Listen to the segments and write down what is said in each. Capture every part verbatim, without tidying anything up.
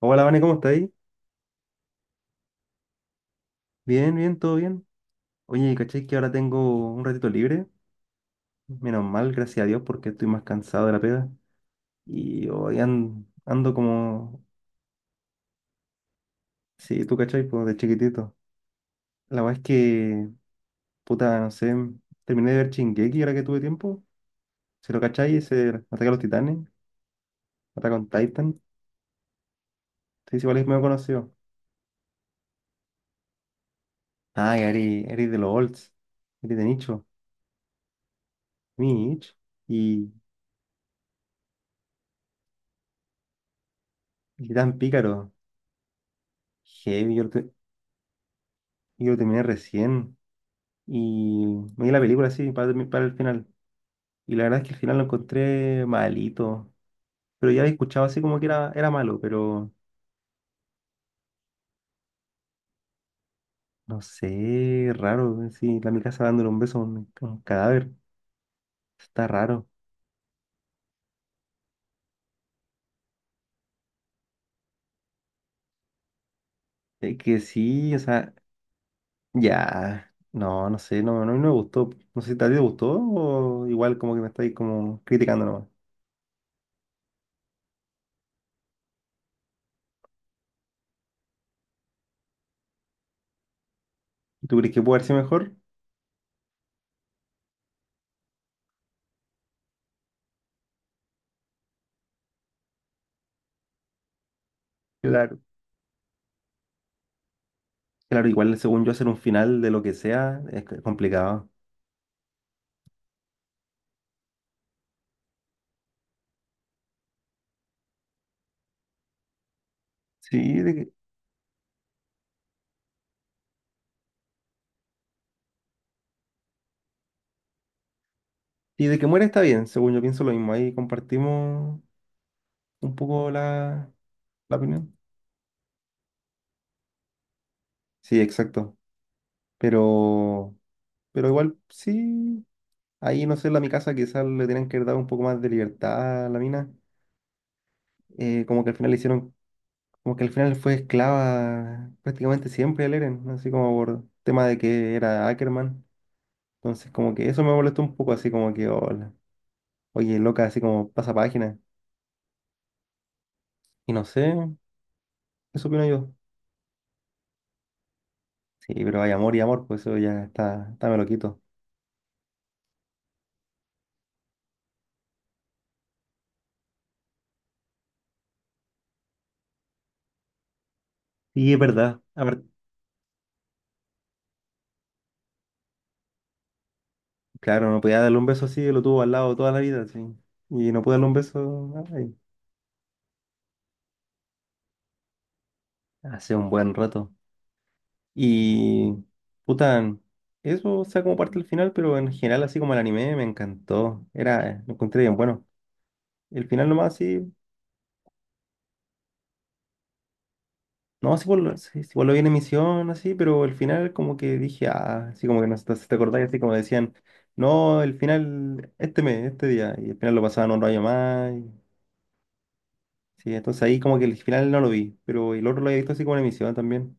Hola, Vane, ¿cómo estáis? Bien, bien, todo bien. Oye, ¿cachai que ahora tengo un ratito libre? Menos mal, gracias a Dios, porque estoy más cansado de la pega. Y hoy an- ando como... Sí, tú, ¿cachai? Pues de chiquitito. La verdad es que, puta, no sé, terminé de ver Shingeki ahora que tuve tiempo. Si lo cachai, ese Ataque a los Titanes, Ataque on Titan. Sí, sí, igual es medio conocido. Ah, que eres, eres de los olds, eres de nicho. Mi nicho. Y, y tan pícaro. Heavy, yo lo te- yo lo terminé recién. Y me di la película así para, termi- para el final. Y la verdad es que el final lo encontré malito. Pero ya había escuchado así como que era, era malo, pero no sé, raro. eh, Sí, la Mikasa dándole un beso a un, a un cadáver. Está raro. Es que sí, o sea, ya. No, no sé, no, no, no me gustó. No sé si a ti te gustó o igual como que me estáis como criticando nomás. ¿Tú crees que puede haber sido mejor? Claro. Claro, igual según yo hacer un final de lo que sea es complicado. Sí, de que- Y de que muere está bien, según yo pienso lo mismo. Ahí compartimos un poco la, la opinión. Sí, exacto. Pero, pero igual, sí. Ahí, no sé, la mi casa quizás le tenían que haber dado un poco más de libertad a la mina. Eh, como que al final le hicieron, Como que al final fue esclava prácticamente siempre al Eren, así como por tema de que era Ackerman. Entonces, como que eso me molestó un poco, así como que, "Oh, la- oye, loca", así como pasa página. Y no sé, eso opino yo. Sí, pero hay amor y amor, pues eso ya está, está me lo quito. Y es verdad. A ver, claro, no podía darle un beso así, lo tuvo al lado toda la vida, sí. Y no pude darle un beso ay, hace un buen rato. Y, puta, eso, o sea, como parte del final, pero en general, así como el anime, me encantó. Era, lo encontré bien bueno. El final nomás, sí. No, sí, igual, sí, sí, igual lo vi en emisión, así, pero al final como que dije, ah, así como que no sé si te acordás, así como decían, no, el final, este mes, este día, y al final lo pasaban un rayo más, y... sí, entonces ahí como que el final no lo vi, pero el otro lo había visto así como en emisión también.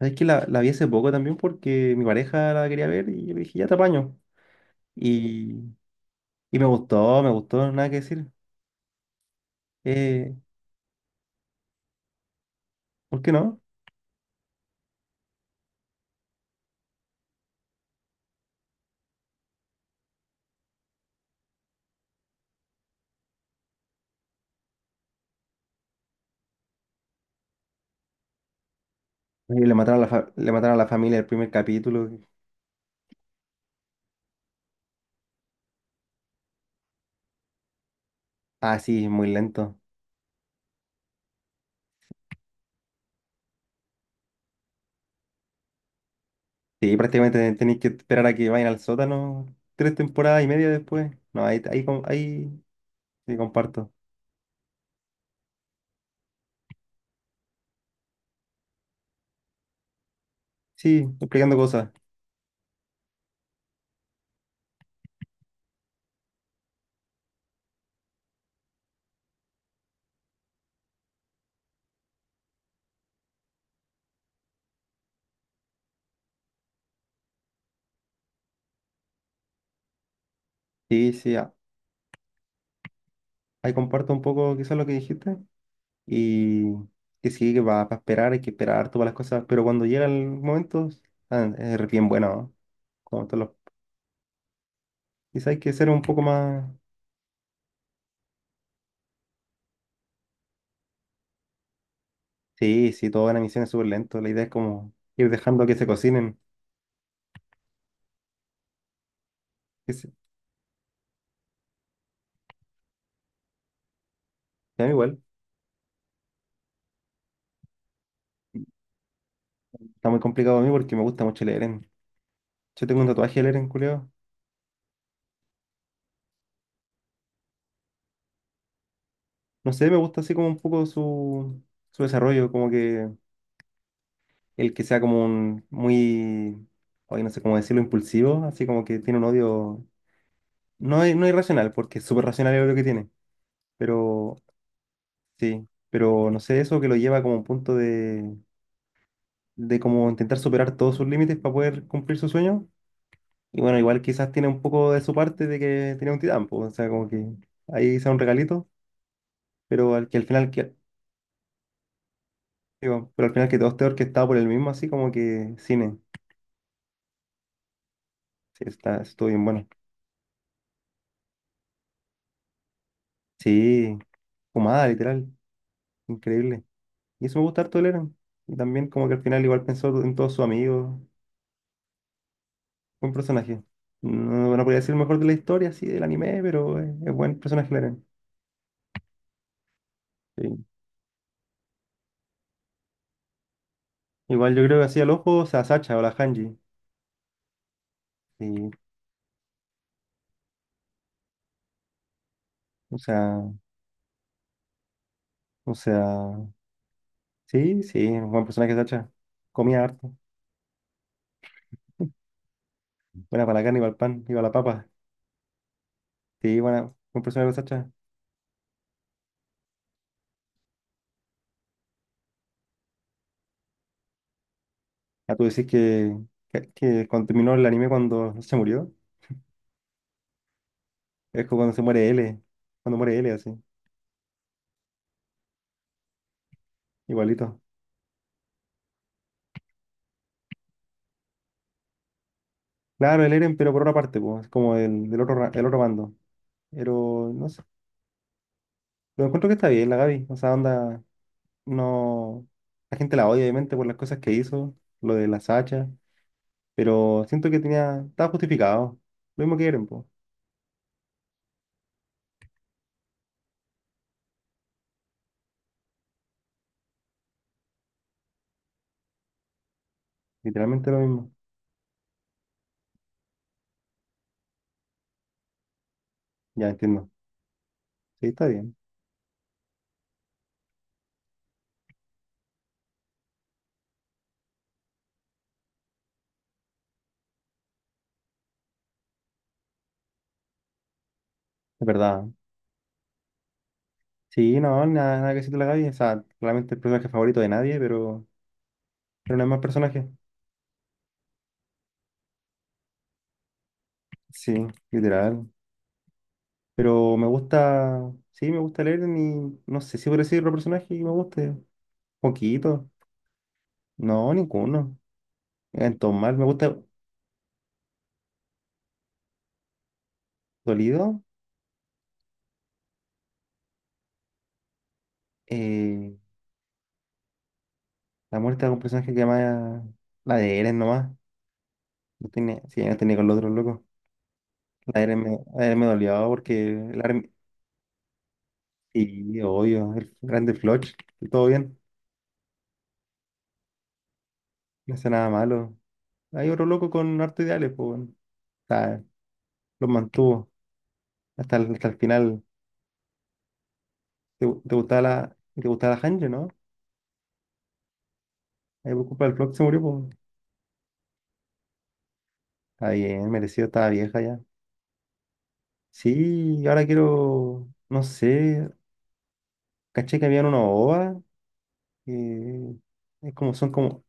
Es que la, la vi hace poco también porque mi pareja la quería ver y yo le dije, ya te apaño. Y, y me gustó, me gustó, nada que decir. Eh, ¿por qué no? Y le mataron a la fa- le mataron a la familia el primer capítulo. Ah, sí, muy lento. Sí, prácticamente tenéis que esperar a que vayan al sótano tres temporadas y media después. No, ahí, ahí, com- ahí sí comparto. Sí, explicando cosas. Sí, sí, ah, ahí comparto un poco quizás lo que dijiste. Y que sí, que para esperar hay que esperar todas las cosas. Pero cuando llega el momento, ah, es bien bueno, ¿no? Como todos los- quizás hay que ser un poco más... Sí, sí, toda la misión es súper lento. La idea es como ir dejando que se cocinen. Que se- A mí igual. Está muy complicado a mí porque me gusta mucho el en- yo tengo un tatuaje de leer en no sé, me gusta así como un poco su, su desarrollo, como que el que sea como un muy, hoy no sé cómo decirlo, impulsivo, así como que tiene un odio, no, i- no irracional, porque es súper racional el odio que tiene, pero sí, pero no sé, eso que lo lleva como a un punto de, de como intentar superar todos sus límites para poder cumplir su sueño. Y bueno, igual quizás tiene un poco de su parte de que tiene un titán, pues, o sea, como que ahí sea un regalito, pero al que al final que... Digo, pero al final que todo esté orquestado por el mismo, así como que cine. Sí, está, estuvo bien bueno. Sí, fumada, literal. Increíble. Y eso me gusta harto de Leran. Y también como que al final igual pensó en todos sus amigos. Buen personaje. No, no podría decir el mejor de la historia, así, del anime, pero es, es buen personaje Leran. Sí. Igual yo creo que hacía el ojo, o sea, Sacha o la Hanji. Sí. O sea, o sea, sí, sí, un buen personaje Sacha. Comía harto. Buena para la carne, iba al pan, iba a la papa. Sí, buena, buen personaje Sacha. Ah, tú decís que, que, que cuando terminó el anime cuando se murió. Es como cuando se muere L, cuando muere L así, igualito. Claro, el Eren, pero por otra parte, pues, es como el, del otro, ra- el otro bando. Pero, no sé, lo encuentro que está bien la Gaby, o sea, onda, no, la gente la odia obviamente por las cosas que hizo, lo de las hachas, pero siento que tenía, estaba justificado, lo mismo que Eren, pues, literalmente lo mismo. Ya entiendo, sí, está bien, es verdad. Sí, no, nada, nada que decir de la Gaby, o sea, realmente el personaje favorito de nadie, pero, pero no hay más personaje. Sí, literal. Pero me gusta, sí, me gusta leer ni no sé si por decir otro personaje que me guste. Poquito. No, ninguno. En mal me gusta dolido. eh, la muerte de un personaje que llama la de Eren nomás. No tiene, sí, no tenía con los otros locos. La de Eren me, la de Eren me dolió porque el Armin... sí, obvio, el grande Floch. Y todo bien. No hace nada malo. Hay otro loco con harto ideales, pues. Bueno, está... los mantuvo hasta el, hasta el final. ¿Te, gu- te gustaba la, te gustaba la Hanjo, no? Ahí por culpa del Flock se murió, pues. Está bien, merecido, estaba vieja ya. Sí, y ahora quiero, no sé, caché que habían una ova, que es como, son como,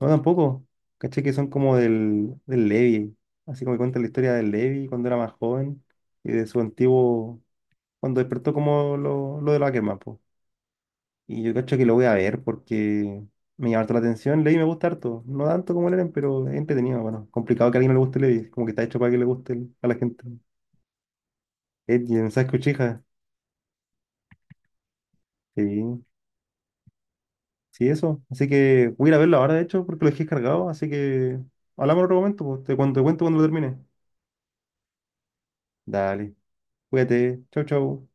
no tampoco, caché que son como del, del Levi, así como que cuenta la historia del Levi cuando era más joven y de su antiguo, cuando despertó como lo, lo de los Ackerman, pues. Y yo cacho que lo voy a ver porque me llama harto la atención, Levi me gusta harto, no tanto como el Eren, pero es entretenido, bueno, complicado que a alguien no le guste Levi, como que está hecho para que le guste el- a la gente. Ed y el mensaje Uchiha. Sí, sí, eso. Así que voy a ir a verlo ahora, de hecho, porque lo dejé cargado. Así que hablamos en otro momento, pues. Te cuento, te cuento cuando lo termine. Dale, cuídate. Chau, chau.